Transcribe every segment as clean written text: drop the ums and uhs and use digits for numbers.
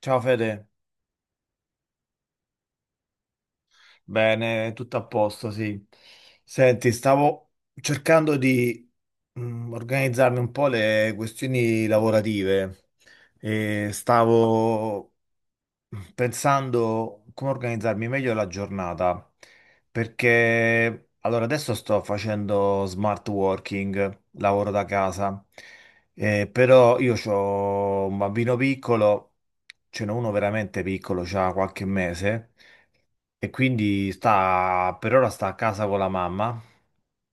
Ciao Fede, bene, tutto a posto, sì. Senti, stavo cercando di organizzarmi un po' le questioni lavorative e stavo pensando come organizzarmi meglio la giornata, perché allora adesso sto facendo smart working, lavoro da casa, però io ho un bambino piccolo, ce n'è uno veramente piccolo, c'ha qualche mese, e quindi sta, per ora sta a casa con la mamma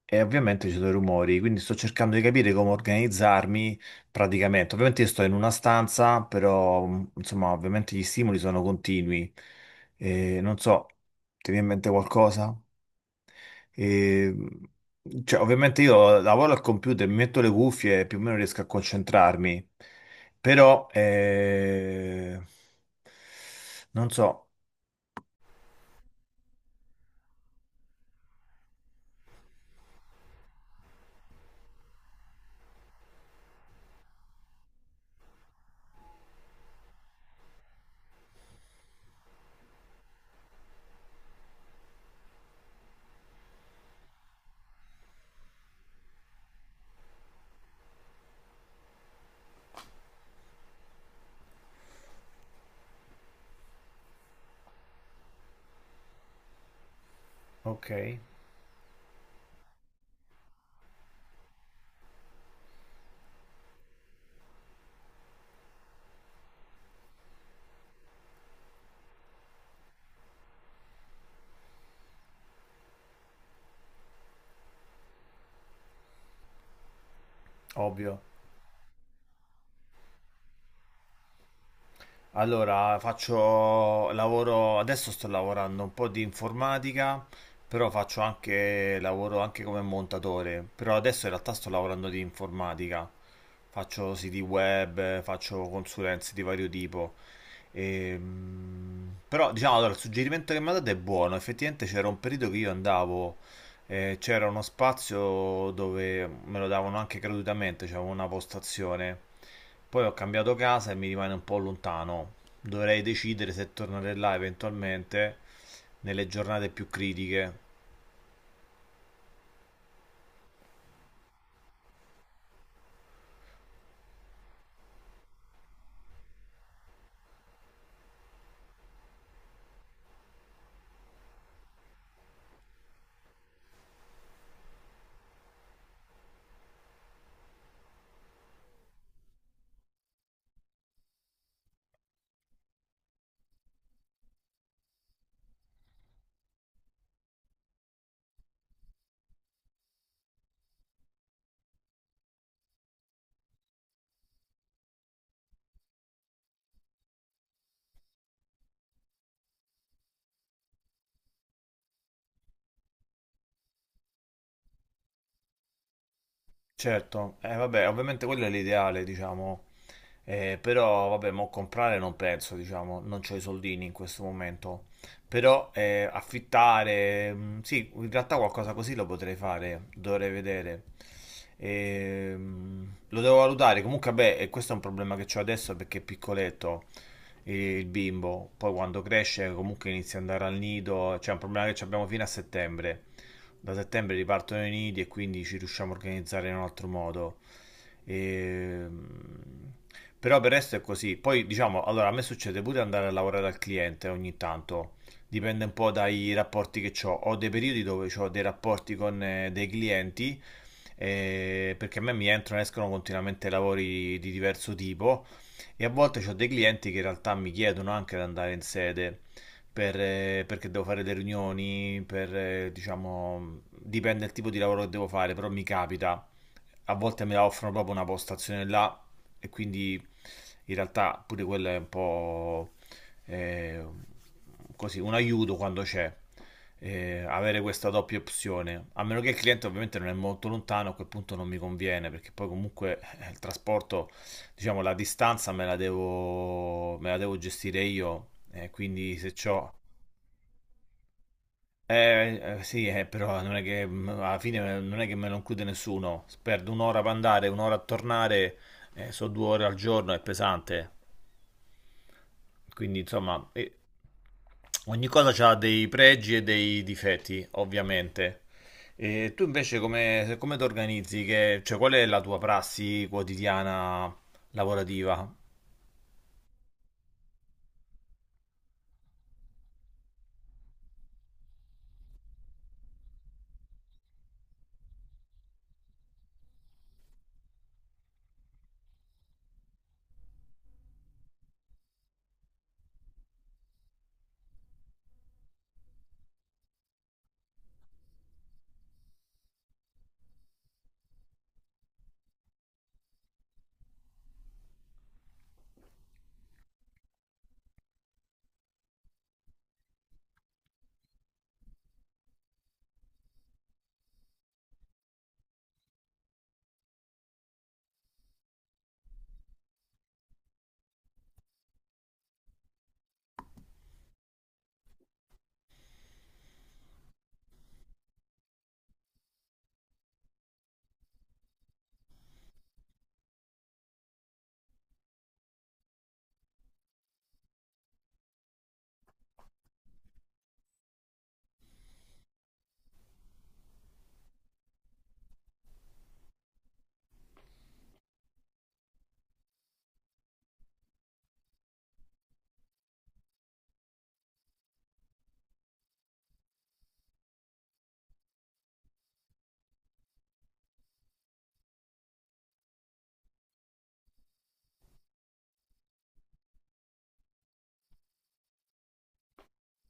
e ovviamente ci sono i rumori, quindi sto cercando di capire come organizzarmi. Praticamente, ovviamente io sto in una stanza, però insomma, ovviamente gli stimoli sono continui. E non so, ti viene in mente qualcosa? E, cioè, ovviamente io lavoro al computer, mi metto le cuffie e più o meno riesco a concentrarmi, però non so, ok, ovvio. Allora, faccio lavoro, adesso sto lavorando un po' di informatica, però faccio anche lavoro anche come montatore, però adesso in realtà sto lavorando di informatica. Faccio siti web, faccio consulenze di vario tipo. Però diciamo, allora, il suggerimento che mi ha dato è buono, effettivamente c'era un periodo che io andavo c'era uno spazio dove me lo davano anche gratuitamente, c'era una postazione. Poi ho cambiato casa e mi rimane un po' lontano. Dovrei decidere se tornare là eventualmente nelle giornate più critiche. Certo, vabbè, ovviamente quello è l'ideale, diciamo. Però vabbè, mo comprare non penso, diciamo, non ho i soldini in questo momento. Però affittare, sì, in realtà qualcosa così lo potrei fare, dovrei vedere. Lo devo valutare. Comunque, beh, e questo è un problema che ho adesso perché è piccoletto il bimbo. Poi quando cresce, comunque inizia ad andare al nido. C'è un problema che abbiamo fino a settembre. Da settembre ripartono i nidi e quindi ci riusciamo a organizzare in un altro modo. E, però per il resto è così. Poi diciamo, allora a me succede pure andare a lavorare al cliente ogni tanto. Dipende un po' dai rapporti che ho. Ho dei periodi dove ho dei rapporti con dei clienti, perché a me mi entrano e escono continuamente lavori di diverso tipo e a volte ho dei clienti che in realtà mi chiedono anche di andare in sede per, perché devo fare delle riunioni, per, diciamo, dipende dal tipo di lavoro che devo fare, però mi capita a volte me la offrono proprio una postazione là e quindi in realtà pure quello è un po' eh, così, un aiuto quando c'è. Eh, avere questa doppia opzione a meno che il cliente ovviamente non è molto lontano a quel punto non mi conviene perché poi comunque il trasporto diciamo la distanza me la devo gestire io quindi se ho sì, però non è che alla fine non è che me lo include nessuno. Perdo un'ora per andare, un'ora a tornare, sono due ore al giorno, è pesante. Quindi, insomma, ogni cosa ha dei pregi e dei difetti, ovviamente. E tu invece come, come ti organizzi? Cioè, qual è la tua prassi quotidiana lavorativa?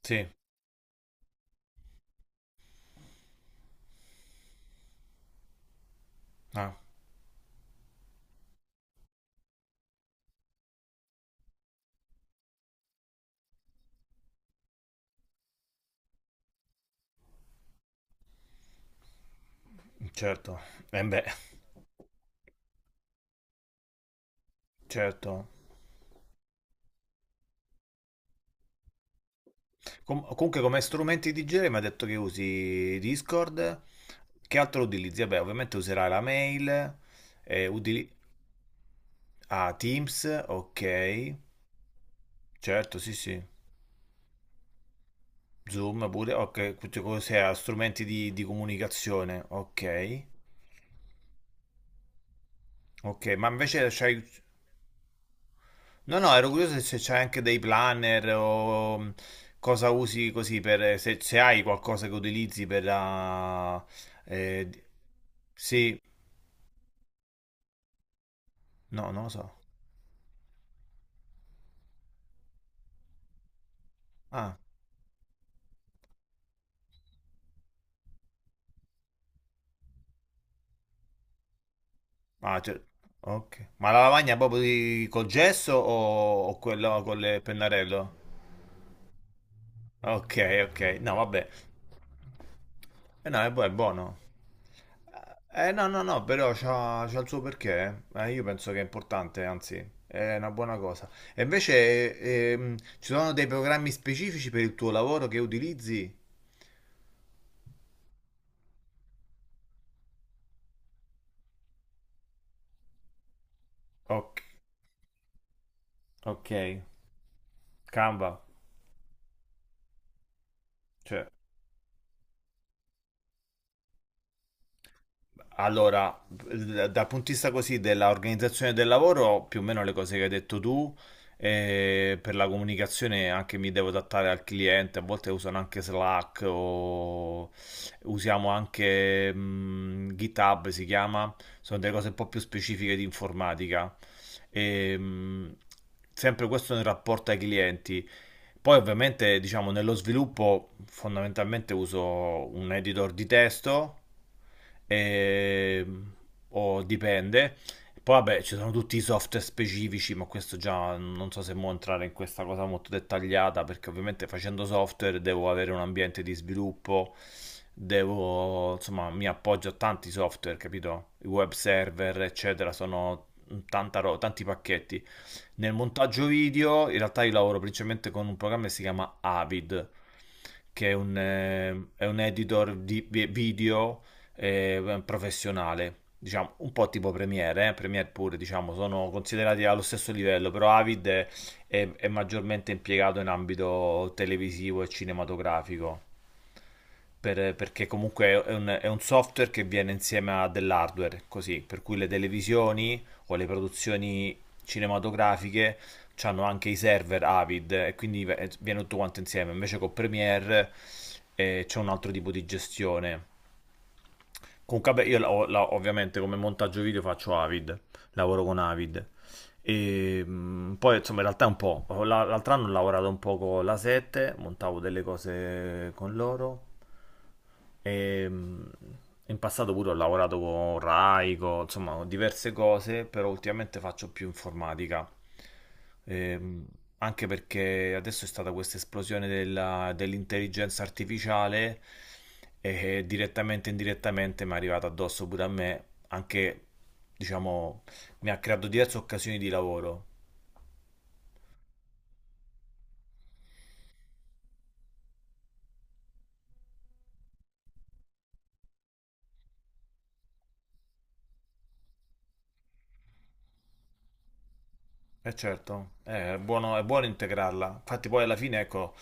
Sì, ah, certo. Eh beh, certo. Comunque come strumenti di genere mi ha detto che usi Discord, che altro utilizzi? Vabbè, ovviamente userai la mail, eh, utili- ah, Teams, ok, certo, sì, sì, Zoom pure, ok, tutte cose, ah, strumenti di comunicazione, ok, ok, ma invece c'hai... No, no, ero curioso se c'hai anche dei planner o cosa usi così per... se, se hai qualcosa che utilizzi per... ah, eh, di- sì, no, non lo so. Ah. Ah, cioè, ok. Ma la lavagna proprio col gesso o quello con le pennarello? Ok, ok. No, vabbè. Eh no, è è buono. Eh no, no, no, però c'ha, c'ha il suo perché. Eh. Io penso che è importante, anzi, è una buona cosa. E invece, ci sono dei programmi specifici per il tuo lavoro che utilizzi? Ok, ok. Canva. Cioè. Allora, dal punto di vista così dell'organizzazione del lavoro, più o meno le cose che hai detto tu, per la comunicazione anche mi devo adattare al cliente, a volte usano anche Slack o usiamo anche GitHub, si chiama, sono delle cose un po' più specifiche di informatica. E, mh, sempre questo nel rapporto ai clienti. Poi ovviamente, diciamo, nello sviluppo fondamentalmente uso un editor di testo. Ehm, o dipende. Poi vabbè, ci sono tutti i software specifici, ma questo già non so se mo entrare in questa cosa molto dettagliata, perché ovviamente facendo software devo avere un ambiente di sviluppo, devo, insomma, mi appoggio a tanti software, capito? I web server, eccetera, sono tanti pacchetti. Nel montaggio video, in realtà io lavoro principalmente con un programma che si chiama Avid, che è un editor di video professionale, diciamo un po' tipo Premiere, Premiere pure, diciamo, sono considerati allo stesso livello, però Avid è, è maggiormente impiegato in ambito televisivo e cinematografico perché comunque è un software che viene insieme a dell'hardware, così, per cui le televisioni o le produzioni cinematografiche hanno anche i server Avid e quindi viene tutto quanto insieme. Invece con Premiere c'è un altro tipo di gestione. Comunque, vabbè, io ovviamente come montaggio video faccio Avid, lavoro con Avid. E poi insomma in realtà è un po', l'altro anno ho lavorato un po' con la 7, montavo delle cose con loro e in passato pure ho lavorato con Rai, insomma con diverse cose, però ultimamente faccio più informatica. Ehm, anche perché adesso è stata questa esplosione dell'intelligenza artificiale e direttamente e indirettamente mi è arrivata addosso pure a me anche, diciamo, mi ha creato diverse occasioni di lavoro. E certo, è buono integrarla. Infatti poi alla fine, ecco,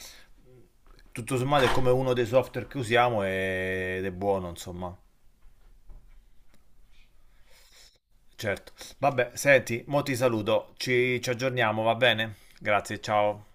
tutto sommato è come uno dei software che usiamo ed è buono, insomma. Certo. Vabbè, senti, mo ti saluto, ci, ci aggiorniamo, va bene? Grazie, ciao.